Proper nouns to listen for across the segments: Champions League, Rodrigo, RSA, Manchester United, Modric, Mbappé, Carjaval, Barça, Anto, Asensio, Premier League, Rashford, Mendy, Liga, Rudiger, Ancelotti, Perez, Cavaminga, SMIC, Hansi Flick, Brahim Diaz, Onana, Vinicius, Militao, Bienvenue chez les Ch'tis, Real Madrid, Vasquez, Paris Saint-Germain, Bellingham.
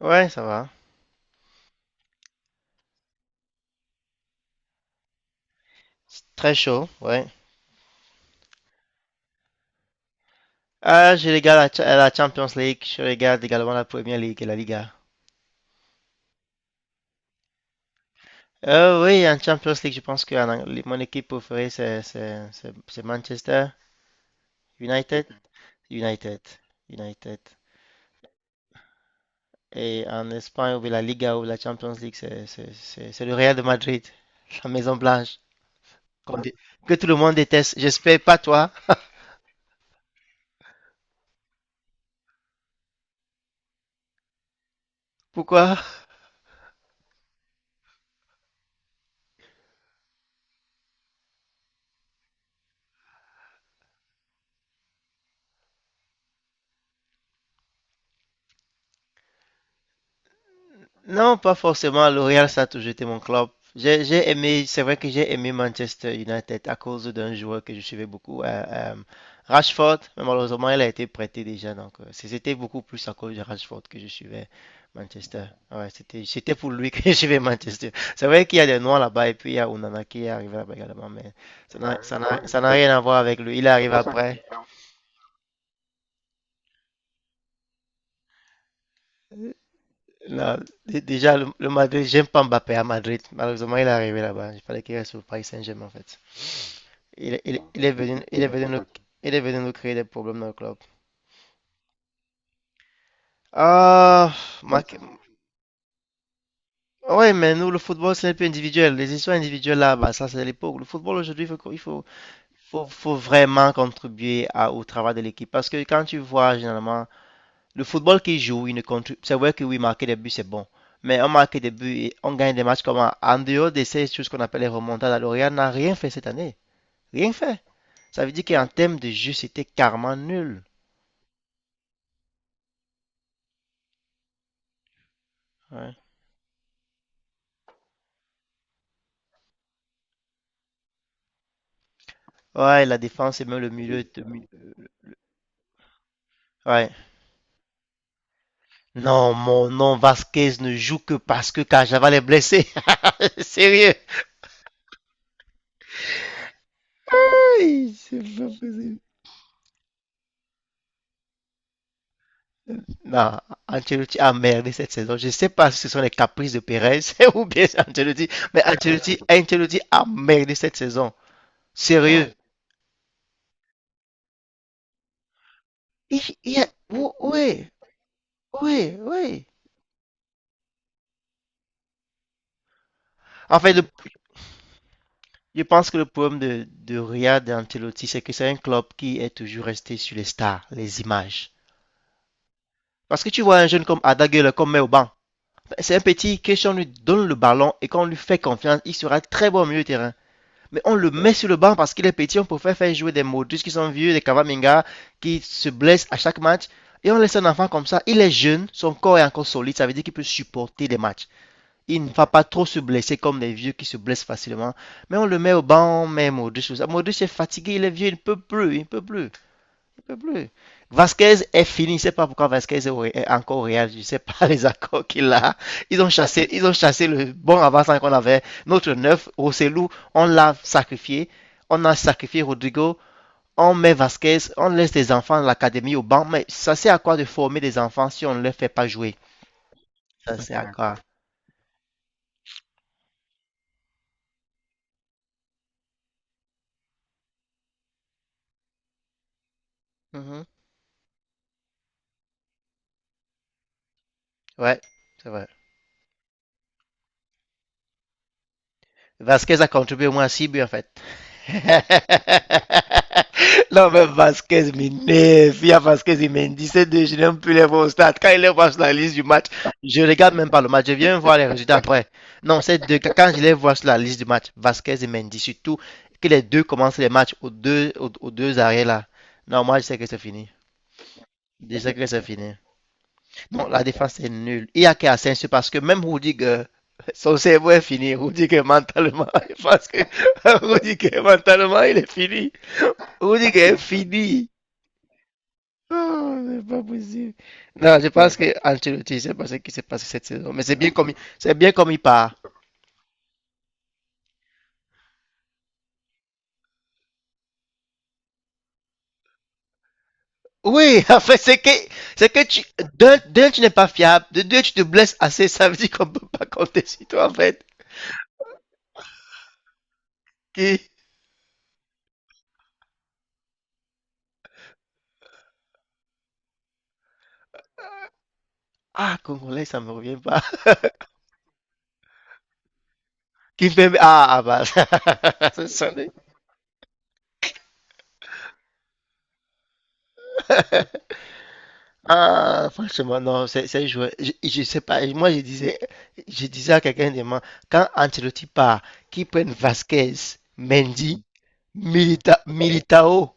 Ouais, ça va. C'est très chaud, ouais. Ah, je regarde la Champions League, je regarde également la Premier League et la Liga. Oui, en Champions League, je pense que mon équipe préférée, c'est Manchester United. United. United. Et en Espagne, ou la Liga ou la Champions League, c'est le Real de Madrid, la Maison Blanche, qu'on dé- que tout le monde déteste. J'espère pas toi. Pourquoi? Non, pas forcément. L'Oréal, ça a toujours été mon club. J'ai aimé, c'est vrai que j'ai aimé Manchester United à cause d'un joueur que je suivais beaucoup, Rashford. Mais malheureusement, il a été prêté déjà. Donc, c'était beaucoup plus à cause de Rashford que je suivais Manchester. Ouais, c'était pour lui que je suivais Manchester. C'est vrai qu'il y a des noirs là-bas et puis il y a Onana qui est arrivé là-bas également, mais ça n'a rien à voir avec lui. Il est arrivé après. Non, déjà, le Madrid, j'aime pas Mbappé à Madrid. Malheureusement, il est arrivé là-bas. Il fallait qu'il reste au Paris Saint-Germain en fait. Il ele, il est venu, il est venu nous, il est venu nous créer des problèmes dans le club. Ah, Mac- ouais, mais nous, le football, c'est un peu individuel. Les histoires individuelles, là, bah, ça, c'est l'époque. Le football, aujourd'hui, il faut vraiment contribuer au travail de l'équipe. Parce que quand tu vois, généralement, le football qui joue, il ne contribue. C'est vrai que oui, marquer des buts, c'est bon. Mais on marque des buts et on gagne des matchs comme en dehors de ces choses qu'on appelle les remontades. L'Orient n'a rien fait cette année. Rien fait. Ça veut dire qu'en termes de jeu, c'était carrément nul. Ouais. Ouais, la défense et même le milieu. Ouais. Non, mon nom, Vasquez ne joue que parce que Cajava est blessé. Sérieux. Aïe, c'est pas possible. Non, Ancelotti a merdé cette saison. Je ne sais pas si ce sont les caprices de Perez ou bien c'est Ancelotti, mais Ancelotti a merdé cette saison. Sérieux. Il, il a- ouais, ouais, ouais. En fait, je pense que le problème de Riyad et Ancelotti, c'est que c'est un club qui est toujours resté sur les stars, les images. Parce que tu vois un jeune comme Adaguele, comme Meoban, c'est un petit que si on lui donne le ballon et qu'on lui fait confiance, il sera très bon au milieu du terrain. Mais on le met sur le banc parce qu'il est petit, on préfère faire jouer des Modric qui sont vieux, des Kavaminga qui se blessent à chaque match. Et on laisse un enfant comme ça, il est jeune, son corps est encore solide, ça veut dire qu'il peut supporter des matchs. Il ne va pas trop se blesser comme les vieux qui se blessent facilement. Mais on le met au banc, on met Modric. Modric est fatigué, il est vieux, il ne peut plus, il ne peut plus. Vasquez est fini. Je ne sais pas pourquoi Vasquez est encore au Real. Je ne sais pas les accords qu'il a. Ils ont chassé le bon avant-centre qu'on avait. Notre neuf, Rossellou, on l'a sacrifié. On a sacrifié Rodrigo. On met Vasquez. On laisse les enfants de l'académie au banc. Mais ça sert à quoi de former des enfants si on ne les fait pas jouer? Ça sert à quoi? Mhm. Ouais, c'est vrai. Vasquez a contribué au moins 6 buts en fait. Non, mais Vasquez m'énerve. Il y a Vasquez, il me dit c'est deux, je n'aime plus les voir au stade. Quand il les voit sur la liste du match, je ne regarde même pas le match, je viens voir les résultats après. Non, c'est deux, quand je les vois sur la liste du match, Vasquez et Mendy, surtout que les deux commencent les matchs aux deux, aux deux arrêts là. Non, moi je sais que c'est fini. Je sais que c'est fini. Non, la défense est nulle. Il y a qu'à Asensio parce que même Rudiger, son cerveau est fini. Rudiger mentalement, parce que Rudiger mentalement, il est fini. Rudiger est fini. Oh, c'est pas possible. Non, je pense que Ancelotti, c'est pas ce qui s'est passé cette saison. Mais c'est bien comme il part. Oui, en fait, c'est que tu, d'un, tu n'es pas fiable, de deux, tu te blesses assez, ça veut dire qu'on peut pas compter sur toi, en fait. Qui, ah, Congolais, ça me revient pas. Qui fait, ah, ah, bah, ça. Ah, franchement, non, c'est joué. Je sais pas. Moi, je disais à quelqu'un demain, quand Ancelotti part, qu'ils prennent Vasquez, Mendy, Militao,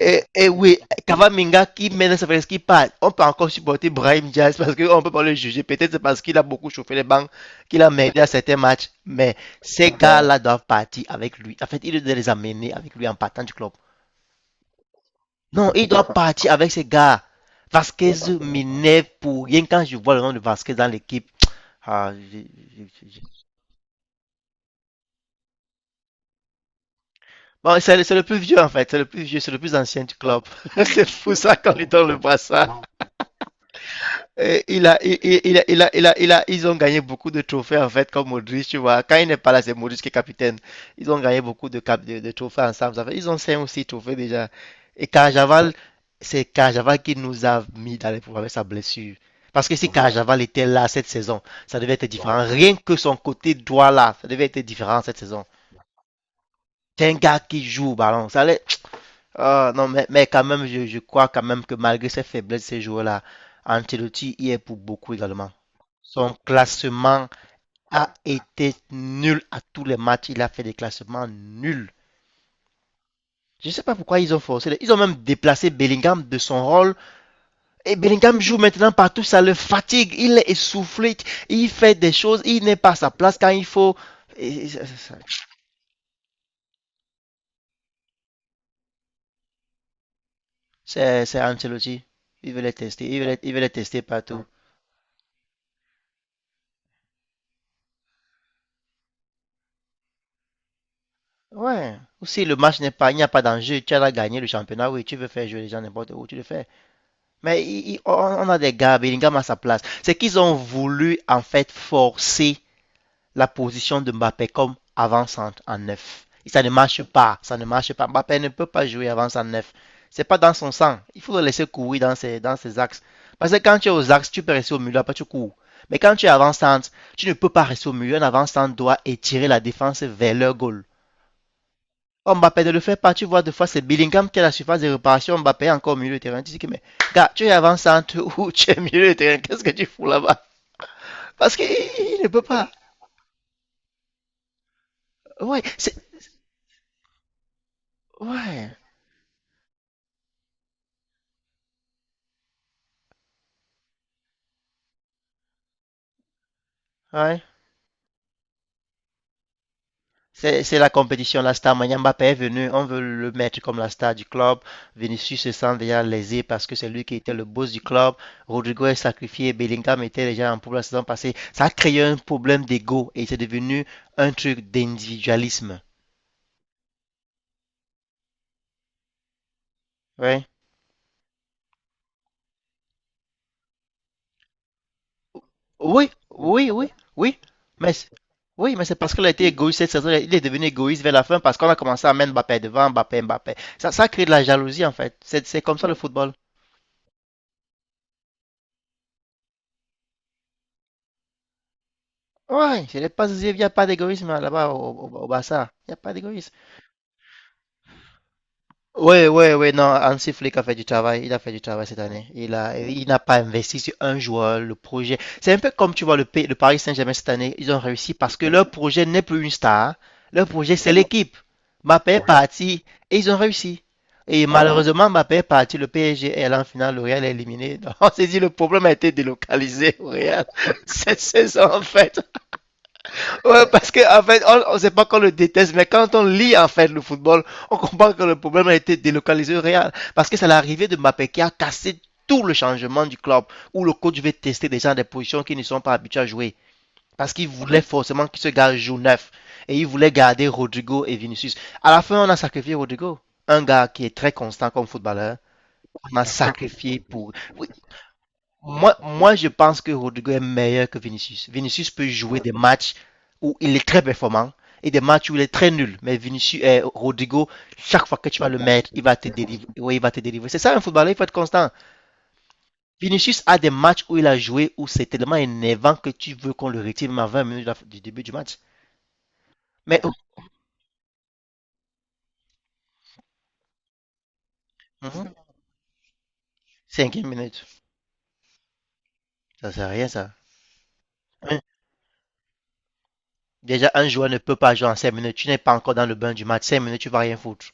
et oui, Cavaminga qui mène sa qui part. On peut encore supporter Brahim Diaz parce qu'on peut pas le juger. Peut-être c'est parce qu'il a beaucoup chauffé les bancs, qu'il a merdé à certains matchs. Mais ces gars-là doivent partir avec lui. En fait, il doit les amener avec lui en partant du club. Non, il doit partir avec ces gars. Vasquez m'énerve pour rien quand je vois le nom de Vasquez dans l'équipe. Ah. Bon, c'est le, plus vieux en fait, c'est le plus vieux, c'est le plus ancien du club. C'est fou ça qu'on lui donne le brassard. Et il a, il, il- il a, il a, il a, ils ont gagné beaucoup de trophées en fait, comme Modric, tu vois. Quand il n'est pas là, c'est Modric qui est capitaine. Ils ont gagné beaucoup de, de trophées ensemble. Ils ont 5 ou 6 trophées déjà. Et Carjaval, c'est Carjaval qui nous a mis dans les problèmes avec sa blessure. Parce que si Voilà, Carjaval était là cette saison, ça devait être différent. Voilà. Rien que son côté droit là, ça devait être différent cette saison. C'est un gars qui joue au ballon. Ça allait. Ah, non, mais quand même, je crois quand même que malgré ses faiblesses, ces joueurs-là, Ancelotti y est pour beaucoup également. Son classement a été nul à tous les matchs. Il a fait des classements nuls. Je ne sais pas pourquoi ils ont forcé. Ils ont même déplacé Bellingham de son rôle. Et Bellingham joue maintenant partout. Ça le fatigue. Il est essoufflé. Il fait des choses. Il n'est pas à sa place quand il faut. C'est Ancelotti. Il veut les tester. Il veut les tester partout. Ouais. Ou si le match n'est pas, il n'y a pas d'enjeu, tu as gagné le championnat, oui, tu veux faire jouer les gens n'importe où, tu le fais. Mais on a des gars, Bellingham à sa place. C'est qu'ils ont voulu en fait forcer la position de Mbappé comme avant-centre en neuf. Et ça ne marche pas, ça ne marche pas. Mbappé ne peut pas jouer avant en neuf. C'est pas dans son sang. Il faut le laisser courir dans ses axes. Parce que quand tu es aux axes, tu peux rester au milieu, après tu cours. Mais quand tu es avant-centre, tu ne peux pas rester au milieu. Un avant-centre doit étirer la défense vers leur goal. Mbappé ne le fait pas, tu vois, des fois c'est Bellingham qui a la surface de réparation, Mbappé est encore au milieu de terrain. Tu dis que, mais gars, tu es avant-centre ou tu es au milieu de terrain, qu'est-ce que tu fous là-bas? Parce qu'il il ne peut pas. Ouais, c'est. Ouais, ouais. C'est la compétition, la star. Mbappé est venu, on veut le mettre comme la star du club. Vinicius se sent déjà lésé parce que c'est lui qui était le boss du club. Rodrigo est sacrifié, Bellingham était déjà en pour la saison passée. Ça a créé un problème d'ego et c'est devenu un truc d'individualisme. Ouais. Oui, oui, oui, oui. Mais, oui, mais c'est parce qu'elle a été égoïste cette saison. Il est devenu égoïste vers la fin parce qu'on a commencé à mettre Mbappé devant, Mbappé, Mbappé. Ça crée de la jalousie en fait. C'est comme ça le football. Ouais, je l'ai pas, il n'y a pas d'égoïsme là-bas au, au Barça. Il n'y a pas d'égoïsme. Ouais, ouais, ouais, non, Hansi Flick a fait du travail, il a fait du travail cette année. Il n'a pas investi sur un joueur, le projet. C'est un peu comme tu vois le Paris Saint-Germain cette année, ils ont réussi parce que leur projet n'est plus une star. Leur projet, c'est l'équipe. Mbappé est, oui, parti et ils ont réussi. Et voilà. Malheureusement, Mbappé est parti, le PSG est allé en finale, le Real est éliminé. Donc, on s'est dit, le problème a été délocalisé au Real cette saison, en fait. Ouais, parce que en fait, on, sait pas qu'on le déteste, mais quand on lit en fait le football, on comprend que le problème a été délocalisé au Real, parce que c'est l'arrivée de Mbappé qui a cassé tout le changement du club, où le coach veut tester des gens des positions qui ne sont pas habitués à jouer, parce qu'il voulait forcément que ce gars joue neuf, et il voulait garder Rodrigo et Vinicius. À la fin, on a sacrifié Rodrigo, un gars qui est très constant comme footballeur. On a sacrifié pour. Oui, moi, je pense que Rodrigo est meilleur que Vinicius. Vinicius peut jouer des matchs où il est très performant et des matchs où il est très nul. Mais Vinicius, eh, Rodrigo, chaque fois que tu vas le mettre, il va te délivrer. Oui, il va te délivrer. C'est ça un footballeur, il faut être constant. Vinicius a des matchs où il a joué où c'est tellement énervant que tu veux qu'on le retire même à 20 minutes de du début du match. Mais cinquième minute, ça sert à rien ça. Un- Déjà, un joueur ne peut pas jouer en 5 minutes. Tu n'es pas encore dans le bain du match. 5 minutes, tu vas rien foutre.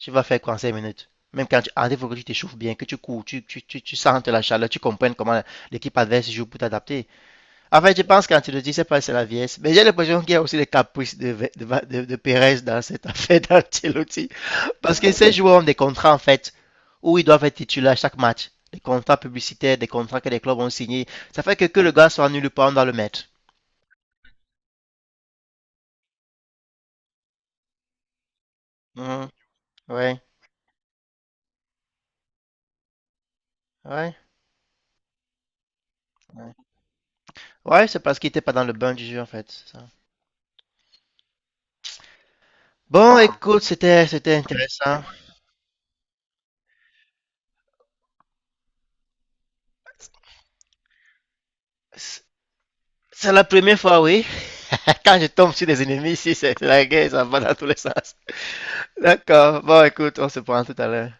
Tu vas faire quoi en 5 minutes? Même quand tu arrives, il faut que tu t'échauffes bien, que tu cours, tu sentes la chaleur, tu comprennes comment l'équipe adverse joue pour t'adapter. En fait, je pense que quand tu le dis, c'est pas, c'est la vieillesse. Mais j'ai l'impression qu'il y a aussi les caprices de, de Perez dans cette affaire d'Ancelotti. Parce que ces joueurs ont des contrats, en fait, où ils doivent être titulaires à chaque match. Des contrats publicitaires, des contrats que les clubs ont signés. Ça fait que le gars soit nul ou pas, on doit le mettre. Mhm. Ouais, ouais. Ouais, ouais, c'est parce qu'il était pas dans le bain du jeu, en fait. Ça. Bon, écoute, c'était intéressant. C'est la première fois, oui. Quand je tombe sur des ennemis ici, c'est la guerre, ça va dans tous les sens. D'accord. Bon, écoute, on se prend tout à l'heure.